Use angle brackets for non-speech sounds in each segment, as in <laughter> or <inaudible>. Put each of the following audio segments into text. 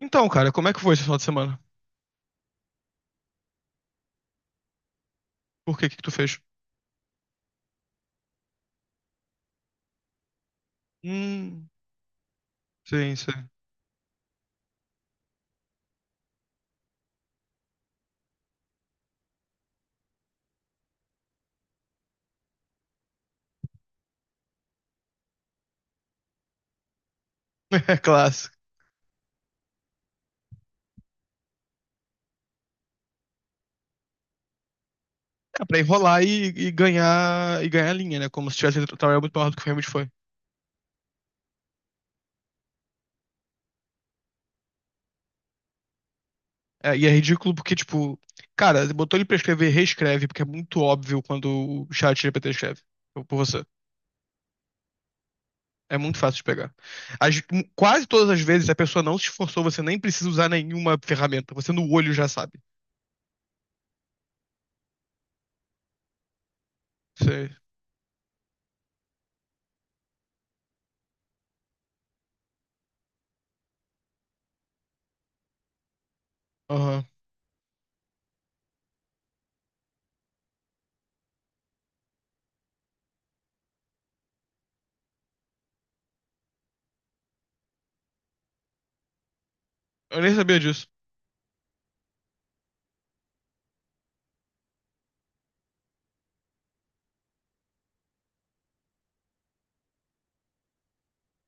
Então, cara, como é que foi esse final de semana? Por que que tu fez? Hum, sim, sim. <laughs> É clássico. É pra enrolar e ganhar linha, né? Como se tivesse feito um muito maior do que realmente foi. É, e é ridículo porque, tipo, cara, botou ele pra escrever, reescreve, porque é muito óbvio quando o chat GPT escreve por você. É muito fácil de pegar. As- Quase todas as vezes a pessoa não se esforçou, você nem precisa usar nenhuma ferramenta. Você no olho já sabe. Sei. Aham. Eu nem sabia disso.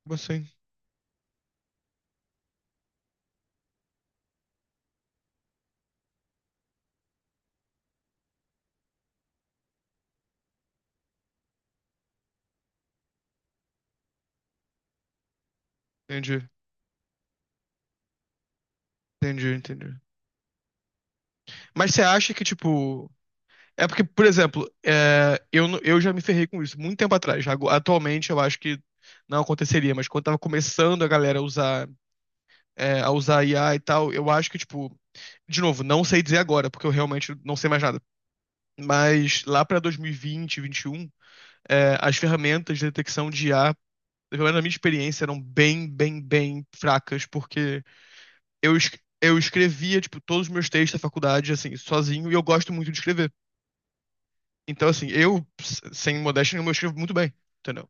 Como assim? Entendi, entendi, entendi. Mas você acha que, tipo. É porque, por exemplo, eu já me ferrei com isso muito tempo atrás. Atualmente eu acho que não aconteceria, mas quando tava começando a galera a usar, a usar IA e tal, eu acho que, tipo, de novo, não sei dizer agora, porque eu realmente não sei mais nada. Mas lá pra 2020, 2021, as ferramentas de detecção de IA, pelo menos na minha experiência, eram bem, bem, bem fracas, porque eu, es- eu escrevia, tipo, todos os meus textos da faculdade, assim, sozinho, e eu gosto muito de escrever. Então, assim, sem modéstia nenhuma, eu escrevo muito bem, entendeu?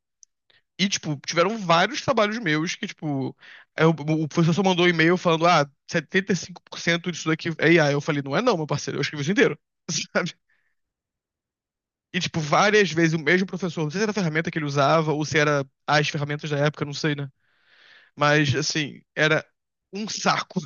E, tipo, tiveram vários trabalhos meus que, tipo, o professor só mandou um e-mail falando, ah, 75% disso daqui é IA. Eu falei, não é não, meu parceiro, eu escrevi isso inteiro, <laughs> sabe? E, tipo, várias vezes o mesmo professor, não sei se era a ferramenta que ele usava ou se era as ferramentas da época, não sei, né? Mas, assim, era um saco.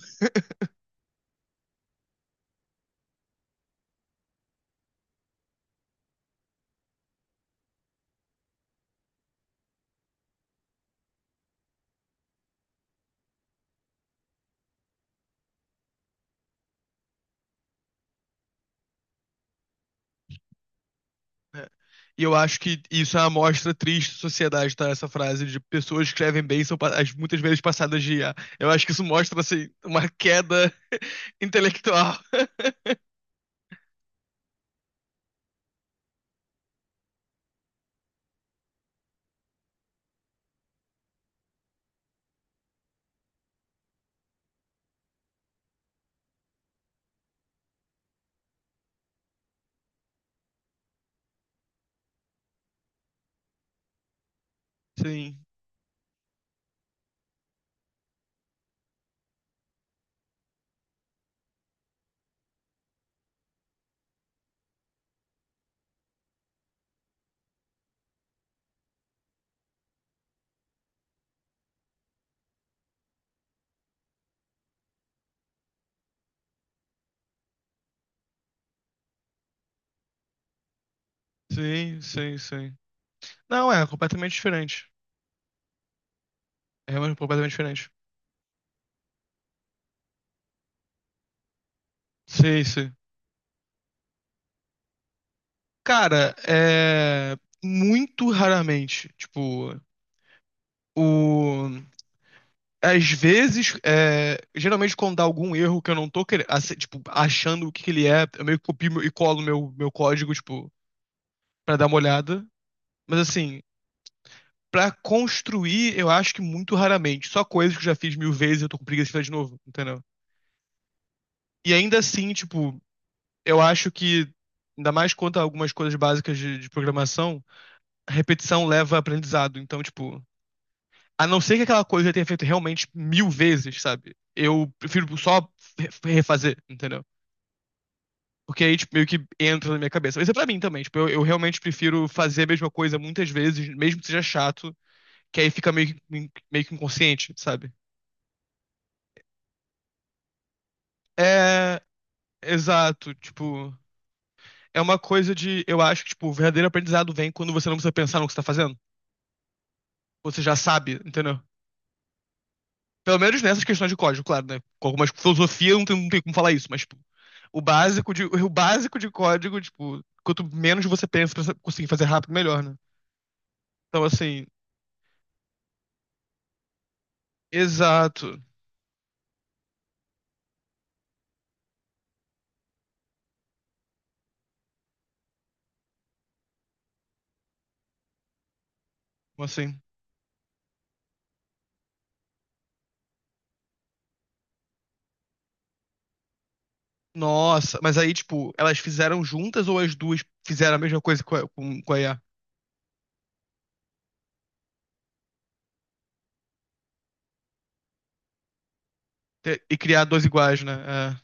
É. E eu acho que isso é uma amostra triste da sociedade, tá? Essa frase de pessoas que escrevem bem são muitas vezes passadas de IA. Eu acho que isso mostra, assim, uma queda <laughs> intelectual. Sim, sim, sim, sim. Não, é completamente diferente. É realmente completamente diferente. Sim, sim. Cara, é muito raramente, tipo, o Às vezes, geralmente quando dá algum erro que eu não tô querendo, tipo, achando o que que ele é, eu meio que copio e colo meu código, tipo, pra dar uma olhada. Mas assim, pra construir, eu acho que muito raramente. Só coisas que eu já fiz mil vezes e eu tô com preguiça de fazer de novo, entendeu? E ainda assim, tipo, eu acho que, ainda mais quanto a algumas coisas básicas de programação, a repetição leva a aprendizado. Então, tipo, a não ser que aquela coisa eu tenha feito realmente mil vezes, sabe? Eu prefiro só re- refazer, entendeu? Porque aí, tipo, meio que entra na minha cabeça. Isso é pra mim também, tipo, eu realmente prefiro fazer a mesma coisa muitas vezes, mesmo que seja chato, que aí fica meio, meio que inconsciente, sabe? É, exato, tipo, é uma coisa de, eu acho que, tipo, o verdadeiro aprendizado vem quando você não precisa pensar no que você tá fazendo. Você já sabe, entendeu? Pelo menos nessas questões de código, claro, né? Com algumas filosofia não tem como falar isso, mas, tipo, o básico de código, tipo, quanto menos você pensa pra conseguir fazer rápido, melhor, né? Então, assim, exato, assim. Nossa, mas aí, tipo, elas fizeram juntas ou as duas fizeram a mesma coisa com a IA? E criar dois iguais, né? É,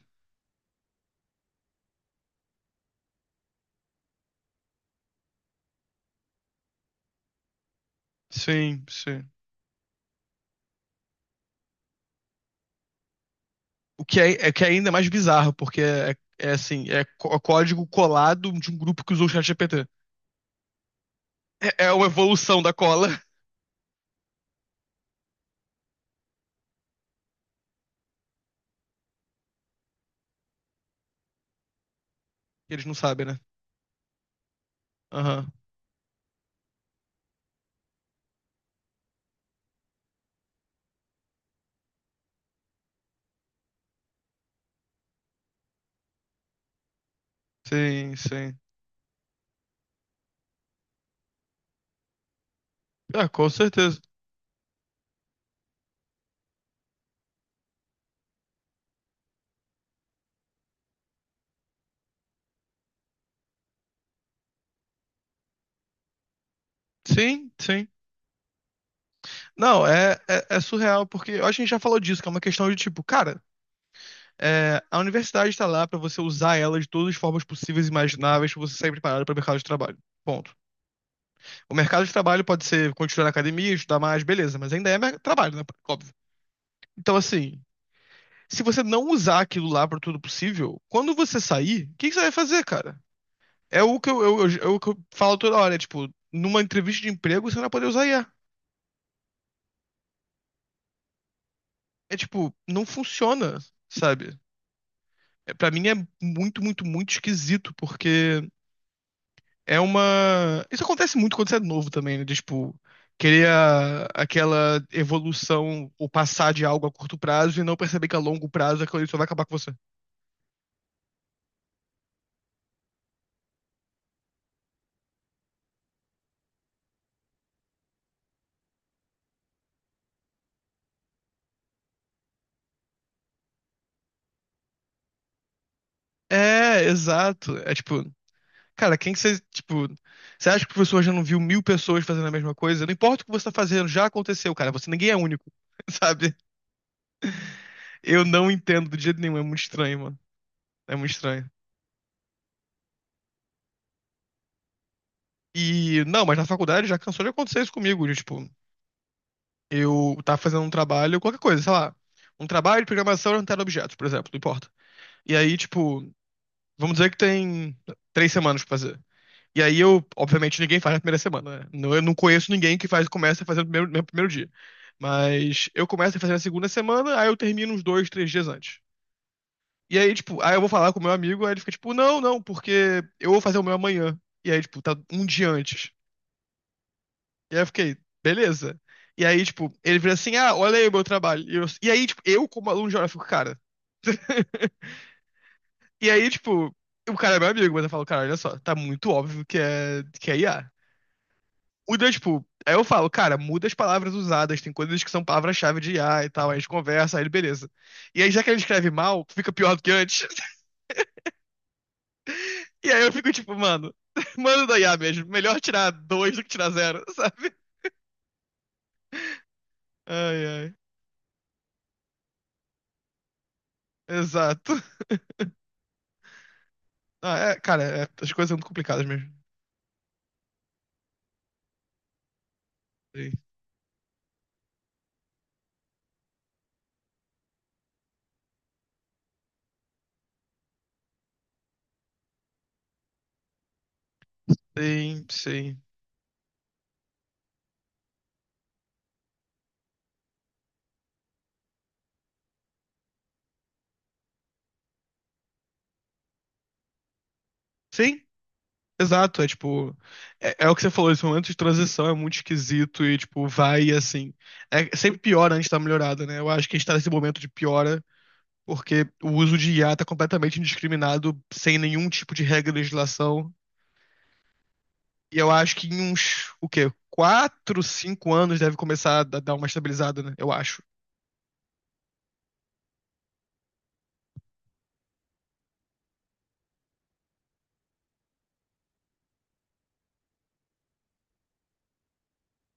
sim, sim. O que é, é que é ainda mais bizarro, porque é assim, código colado de um grupo que usou o ChatGPT. É uma evolução da cola. Eles não sabem, né? Aham. Sim, sim. Ah, com certeza. Sim, sim. Não, é surreal, porque eu acho que a gente já falou disso, que é uma questão de tipo, cara. A universidade está lá para você usar ela de todas as formas possíveis e imagináveis para você sair preparado para o mercado de trabalho. Ponto. O mercado de trabalho pode ser continuar na academia, estudar mais, beleza, mas ainda é trabalho, né? Óbvio. Então, assim, se você não usar aquilo lá para tudo possível, quando você sair, o que que você vai fazer, cara? É o que é o que eu falo toda hora, tipo, numa entrevista de emprego você não vai poder usar IA. É tipo, não funciona, sabe? É, para mim é muito, muito, muito esquisito, porque É uma. Isso acontece muito quando você é novo também, né? Tipo, querer aquela evolução ou passar de algo a curto prazo e não perceber que a longo prazo aquilo ali só vai acabar com você. É, exato. É tipo, cara, quem que você. Tipo, você acha que o professor já não viu mil pessoas fazendo a mesma coisa? Não importa o que você tá fazendo, já aconteceu, cara. Você ninguém é único, <laughs> sabe? Eu não entendo do jeito nenhum. É muito estranho, mano. É muito estranho. E, não, mas na faculdade já cansou de acontecer isso comigo. Tipo, eu tava fazendo um trabalho, qualquer coisa, sei lá. Um trabalho de programação orientada a objetos, por exemplo, não importa. E aí, tipo, vamos dizer que tem 3 semanas pra fazer. E aí eu, obviamente, ninguém faz na primeira semana, né? Eu não conheço ninguém que faz, começa a fazer no primeiro dia. Mas eu começo a fazer na segunda semana, aí eu termino uns 2, 3 dias antes. E aí, tipo, aí eu vou falar com o meu amigo, aí ele fica tipo, não, não, porque eu vou fazer o meu amanhã. E aí, tipo, tá um dia antes. E aí eu fiquei, beleza. E aí, tipo, ele vira assim, ah, olha aí o meu trabalho. E aí, tipo, eu como aluno de hora, fico, cara. <laughs> E aí, tipo, o cara é meu amigo, mas eu falo, cara, olha só, tá muito óbvio que é IA. Muda, tipo, aí eu falo, cara, muda as palavras usadas, tem coisas que são palavras-chave de IA e tal, aí a gente conversa, aí ele, beleza. E aí, já que ele escreve mal, fica pior do que antes. <laughs> E aí eu fico, tipo, mano, <laughs> mano da IA mesmo, melhor tirar dois do que tirar zero, <laughs> sabe? Ai, ai, exato. Ah, é, cara, as coisas são muito complicadas mesmo. Sim, sim. Sim, sim, exato. É tipo. É o que você falou, esse momento de transição é muito esquisito e, tipo, vai assim. É sempre pior antes da melhorada, né? Eu acho que a gente tá nesse momento de piora porque o uso de IA tá completamente indiscriminado, sem nenhum tipo de regra de legislação. E eu acho que em uns, o quê? 4, 5 anos deve começar a dar uma estabilizada, né? Eu acho.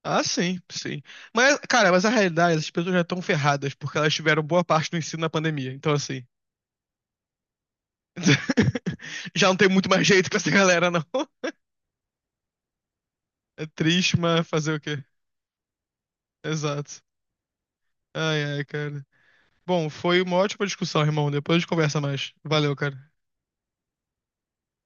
Ah, sim, sim. Mas, cara, mas a realidade, essas pessoas já estão ferradas porque elas tiveram boa parte do ensino na pandemia. Então, assim, <laughs> já não tem muito mais jeito com essa galera, não. É triste, mas fazer o quê? Exato. Ai, ai, cara. Bom, foi uma ótima discussão, irmão. Depois a gente conversa mais. Valeu, cara.